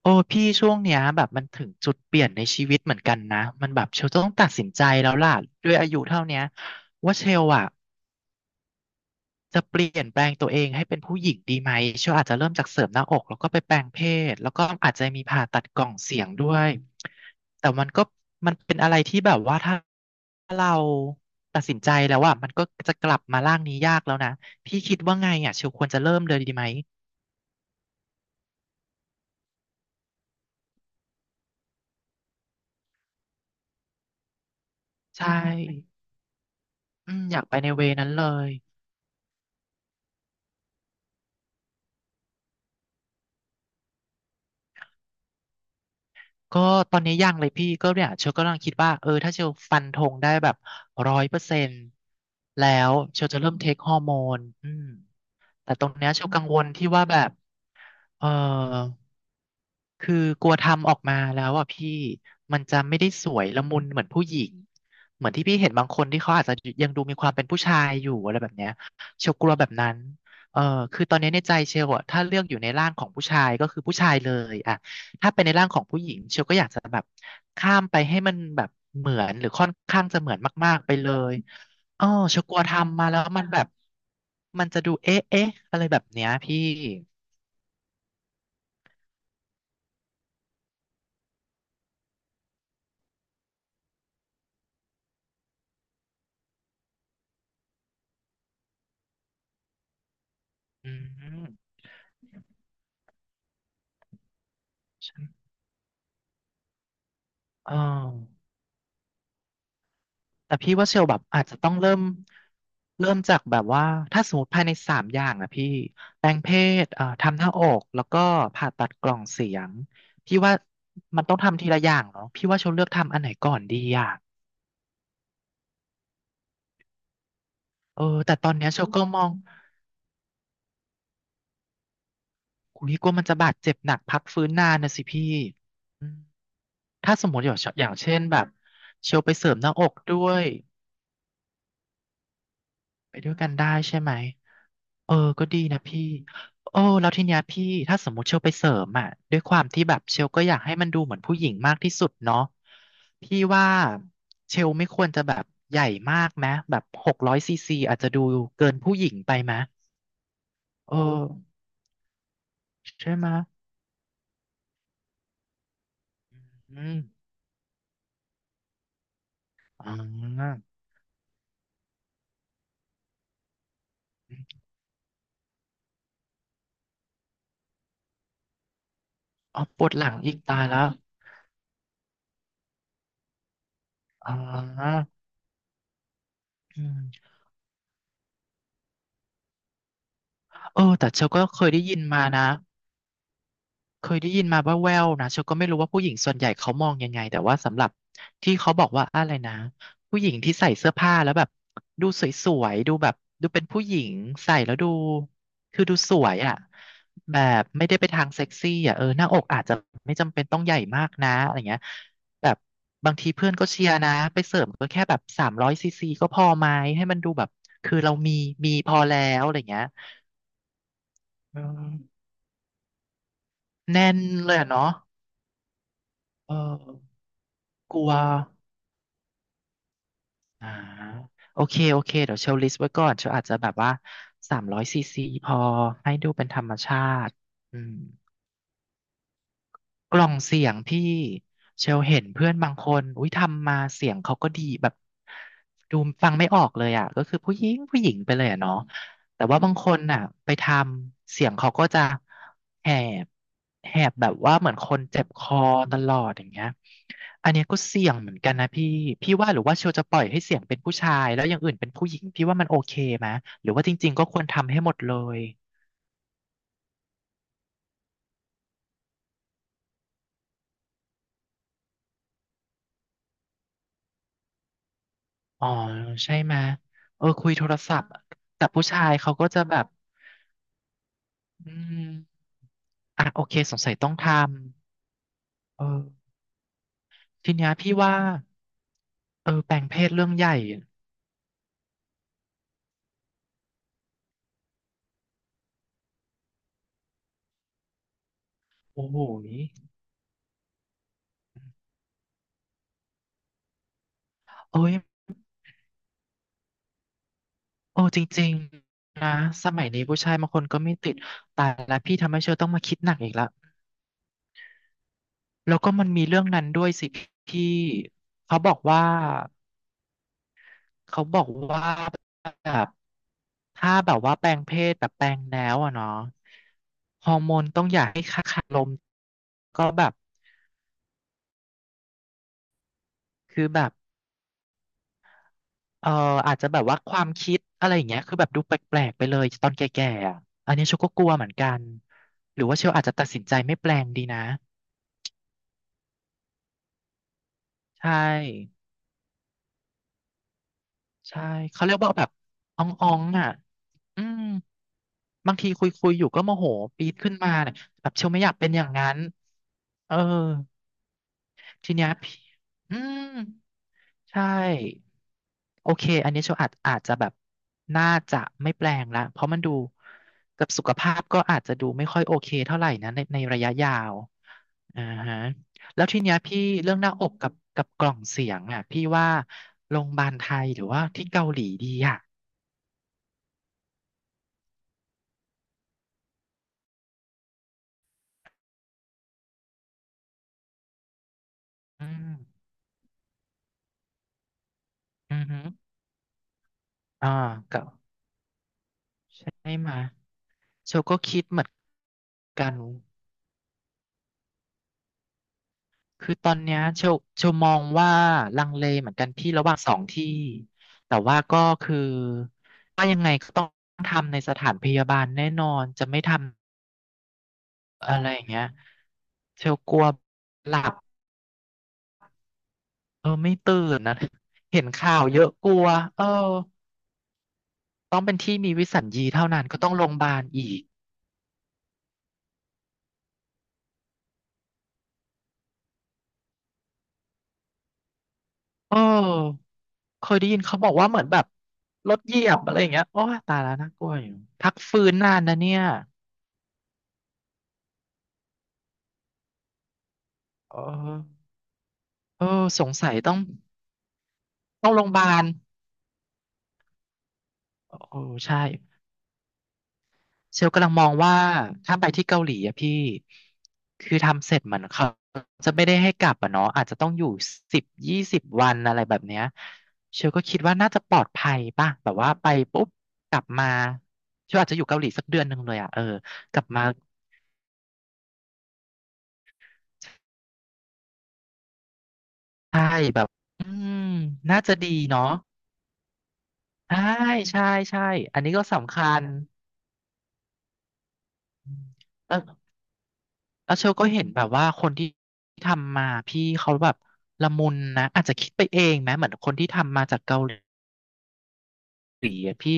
โอ้พี่ช่วงเนี้ยแบบมันถึงจุดเปลี่ยนในชีวิตเหมือนกันนะมันแบบเชลต้องตัดสินใจแล้วล่ะด้วยอายุเท่าเนี้ยว่าเชลอ่ะจะเปลี่ยนแปลงตัวเองให้เป็นผู้หญิงดีไหมเชลอาจจะเริ่มจากเสริมหน้าอกแล้วก็ไปแปลงเพศแล้วก็อาจจะมีผ่าตัดกล่องเสียงด้วยแต่มันก็มันเป็นอะไรที่แบบว่าถ้าเราตัดสินใจแล้วอ่ะมันก็จะกลับมาร่างนี้ยากแล้วนะพี่คิดว่าไงอ่ะเชลควรจะเริ่มเลยดีไหมใช่อืมอยากไปในเวนั้นเลย ก็ตอนนี้ยังเลยพี่ก็เนี่ยเชลก็กำลังคิดว่าเออถ้าเชลฟันธงได้แบบ100%แล้วเชลจะเริ่มเทคฮอร์โมนอืมแต่ตรงเนี้ยเชลกังวลที่ว่าแบบเออ คือกลัวทำออกมาแล้วอ่ะพี่มันจะไม่ได้สวยละมุนเหมือนผู้หญิงเหมือนที่พี่เห็นบางคนที่เขาอาจจะยังดูมีความเป็นผู้ชายอยู่อะไรแบบเนี้ยเชลกลัวแบบนั้นเออคือตอนนี้ในใจเชลอะถ้าเลือกอยู่ในร่างของผู้ชายก็คือผู้ชายเลยอะถ้าเป็นในร่างของผู้หญิงเชลก็อยากจะแบบข้ามไปให้มันแบบเหมือนหรือค่อนข้างจะเหมือนมากๆไปเลยอ๋อเชลกลัวทำมาแล้วมันแบบมันจะดูเอ๊ะเอ๊ะอะไรแบบเนี้ยพี่อืมเออ แต่พี่ว่าเชลแบบอาจจะต้องเริ่มจากแบบว่าถ้าสมมติภายในสามอย่างนะพี่แปลงเพศทำหน้าอกแล้วก็ผ่าตัดกล่องเสียงพี่ว่ามันต้องทำทีละอย่างเนาะพี่ว่าเชลเลือกทำอันไหนก่อนดีอ่ะเออแต่ตอนเนี้ยเชลก็มองคุยกลัวมันจะบาดเจ็บหนักพักฟื้นนานนะสิพี่อืมถ้าสมมติอย่างเช่นแบบเชลไปเสริมหน้าอกด้วยไปด้วยกันได้ใช่ไหม เออก็ดีนะพี่โอ้แล้วทีเนี้ยพี่ถ้าสมมติเชลไปเสริมอ่ะด้วยความที่แบบเชลก็อยากให้มันดูเหมือนผู้หญิงมากที่สุดเนาะพี่ว่าเชลไม่ควรจะแบบใหญ่มากไหมแบบ600 ซีซีอาจจะดูเกินผู้หญิงไปไหมเออใช่ไหมอืมอ๋ออ๋อปวดหลังอีกตายแล้วอ๋ออืมเออแต่เชลก็เคยได้ยินมานะ เคยได้ยินมาว่าแววๆนะเชลก็ไม่รู้ว่าผู้หญิงส่วนใหญ่เขามองยังไงแต่ว่าสำหรับที่เขาบอกว่าอะไรนะผู้หญิงที่ใส่เสื้อผ้าแล้วแบบดูสวยๆดูแบบดูเป็นผู้หญิงใส่แล้วดูคือดูสวยอ่ะแบบไม่ได้ไปทางเซ็กซี่อ่ะเออหน้าอกอาจจะไม่จำเป็นต้องใหญ่มากนะอะไรเงี้ยแบบบางทีเพื่อนก็เชียร์นะไปเสริมก็แค่แบบสามร้อยซีซีก็พอไหมให้มันดูแบบคือเรามีมีพอแล้วอะไรเงี้ยอืมแน่นเลยอะเนาะเออกลัว อ่าโอเคโอเคเดี๋ยวเชลลิสต์ไว้ก่อนเชลอาจจะแบบว่าสามร้อยซีซีพอให้ดูเป็นธรรมชาติอืม กล่องเสียงพี่เชลเห็นเพื่อนบางคนอุ้ยทำมาเสียงเขาก็ดีแบบดูฟังไม่ออกเลยอ่ะก็คือผู้หญิงผู้หญิงไปเลยอะเนาะแต่ว่าบางคนน่ะไปทำเสียงเขาก็จะแหบแหบแบบว่าเหมือนคนเจ็บคอตลอดอย่างเงี้ยอันเนี้ยก็เสี่ยงเหมือนกันนะพี่พี่ว่าหรือว่าเชลจะปล่อยให้เสียงเป็นผู้ชายแล้วอย่างอื่นเป็นผู้หญิงพี่ว่ามันโอเคไหมหรือว่าจริงๆก็ควรทำให้หมดเลย อ๋อใช่ไหมยเออคุยโทรศัพท์แต่ผู้ชายเขาก็จะแบบอืมอ่ะโอเคสงสัยต้องทำเออทีเนี้ยพี่ว่าเออแปลงเพศเรื่องใหญ่โอ้โหนี่เอ้ยโอ้จริงๆนะสมัยนี้ผู้ชายบางคนก็ไม่ติดแต่ละพี่ทำให้เชอต้องมาคิดหนักอีกแล้วแล้วก็มันมีเรื่องนั้นด้วยสิพี่เขาบอกว่าเขาบอกว่า ถ้าแบบว่าแปลงเพศแบบแปลงแล้วอะเนาะฮอร์โมนต้องอยากให้ค่าคารมก็แบบคือแบบเอออาจจะแบบว่าความคิดอะไรอย่างเงี้ยคือแบบดูแปลกๆไปเลยตอนแก่ๆอะอันนี้เชลก็กลัวเหมือนกันหรือว่าเชลอาจจะตัดสินใจไม่แปลงดีนะใช่ใช่เขาเรียกว่าแบบอ่องอ่องอ่ะอืมบางทีคุยอยู่ก็โมโหปี๊ดขึ้นมาเนี่ยแบบเชลไม่อยากเป็นอย่างนั้นเออทีเนี้ยพี่อืมใช่ โอเค อันนี้โชว์อาจจะแบบน่าจะไม่แปลงละเพราะมันดูกับสุขภาพก็อาจจะดูไม่ค่อยโอเคเท่าไหร่นะในระยะยาวอ่าฮะแล้วทีเนี้ยพี่เรื่องหน้าอกกับกล่องเสียงอ่ะพี่ว่าโรงพยาบาลไทยหรือว่าที่เกาหลีดีอ่ะ อืมอือฮึอ่าก็ให้มาโชว์ก็คิดเหมือนกัน คือตอนเนี้ยเชลมองว่าลังเลเหมือนกันพี่ระหว่างสองที่แต่ว่าก็คือว่ายังไงก็ต้องทำในสถานพยาบาลแน่นอนจะไม่ทำอะไรอย่างเงี้ยเชลกลัวหลับเออไม่ตื่นนะเห็นข่าวเยอะกลัวเออต้องเป็นที่มีวิสัญญีเท่านั้นก็ต้องโรงพยาบาลอีกเออเคยได้ยินเขาบอกว่าเหมือนแบบรถเหยียบอะไรอย่างเงี้ยโอ้ตายแล้วน่ากลัวอยู่พักฟื้นนานนะเนี่ยเออเออสงสัยต้อง เข้าโรงพยาบาลโอ้ใช่เชลกำลังมองว่าถ้าไปที่เกาหลีอะพี่ คือทำเสร็จเหมือนเขาจะไม่ได้ให้กลับอะเนาะอาจจะต้องอยู่10-20 วันอะไรแบบเนี้ยเชลก็คิดว่าน่าจะปลอดภัยป่ะแบบว่าไปปุ๊บกลับมาเชลอาจจะอยู่เกาหลีสักเดือนหนึ่งเลยอะเออกลับมาใช่แบบอืมน่าจะดีเนาะใช่ใช่ใช่อันนี้ก็สำคัญเออ แล้วเชลก็เห็นแบบว่าคนที่ทำมาพี่เขาแบบละมุนนะอาจจะคิดไปเองนะเหมือนคนที่ทำมาจากเกาหลีอะพี่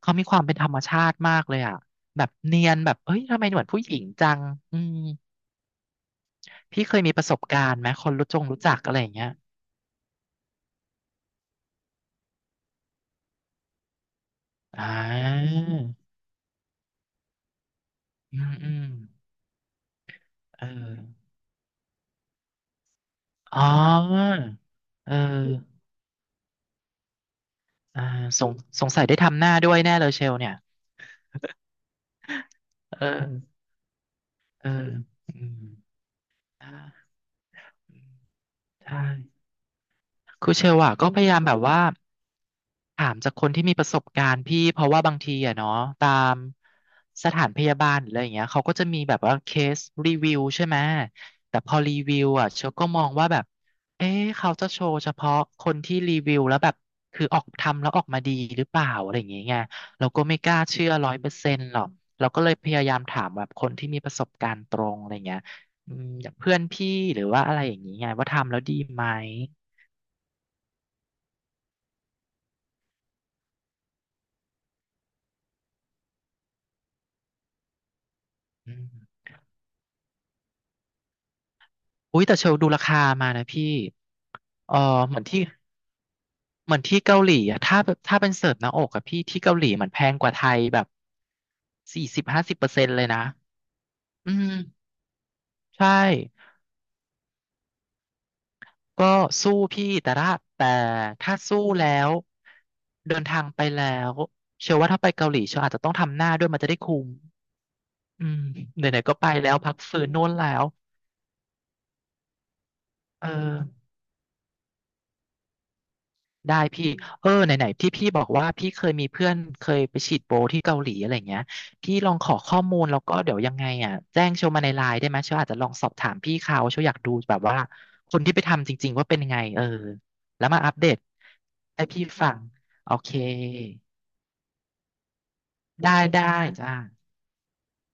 เขามีความเป็นธรรมชาติมากเลยอ่ะแบบเนียนแบบเอ้ยทำไมเหมือนผู้หญิงจังอืมพี่เคยมีประสบการณ์ไหมคนรู้จงรู้จักอะไรอย่างเงี้ยอ่าอืมอืมเอออ๋อเอออ่าสงสงสัยได้ทำหน้าด้วยแน่เลยเชลเนี่ยเออเอออืมอ่าใช่ คือเชลอะก็อืพมยายามมแบบว่าถามจากคนที่มีประสบการณ์พี่เพราะว่าบางทีอะเนาะตามสถานพยาบาลหรืออะไรอย่างเงี้ยเขาก็จะมีแบบว่าเคสรีวิวใช่ไหมแต่พอรีวิวอะเชลก็มองว่าแบบเอ๊ะเขาจะโชว์เฉพาะคนที่รีวิวแล้วแบบคือออกทำแล้วออกมาดีหรือเปล่าอะไรอย่างเงี้ยไงเราก็ไม่กล้าเชื่อ100%หรอกเราก็เลยพยายามถามแบบคนที่มีประสบการณ์ตรงอะไรอย่างเงี้ยอืมอย่างเพื่อนพี่หรือว่าอะไรอย่างนี้ไงว่าทำแล้วดีไหมอืม อุ้ยแต่เชลดูราคามานะพี่เออเหมือนที่เหมือนที่เกาหลีอะถ้าเป็นเสิร์ฟหน้าอกอะพี่ที่เกาหลีมันแพงกว่าไทยแบบ40-50%เลยนะอืมใช่ก็สู้พี่แต่ถ้าแต่ถ้าสู้แล้วเดินทางไปแล้วเชื่อว่าถ้าไปเกาหลีเชื่ออาจจะต้องทำหน้าด้วยมันจะได้คุ้มอืมไหนๆก็ไปแล้วพักฟื้นโน่นแล้วเออ ได้พี่เออไหนๆที่พี่บอกว่าพี่เคยมีเพื่อนเคยไปฉีดโบที่เกาหลีอะไรเงี้ยพี่ลองขอข้อมูลแล้วก็เดี๋ยวยังไงอ่ะแจ้งโชว์มาในไลน์ได้ไหมโชว์อาจจะลองสอบถามพี่เขาโชว์อยากดูแบบว่าคนที่ไปทำจริงๆว่าเป็นยังไงเออแล้วมาอัปเดตให้พี่ฟังโอเคได้ได้จ้า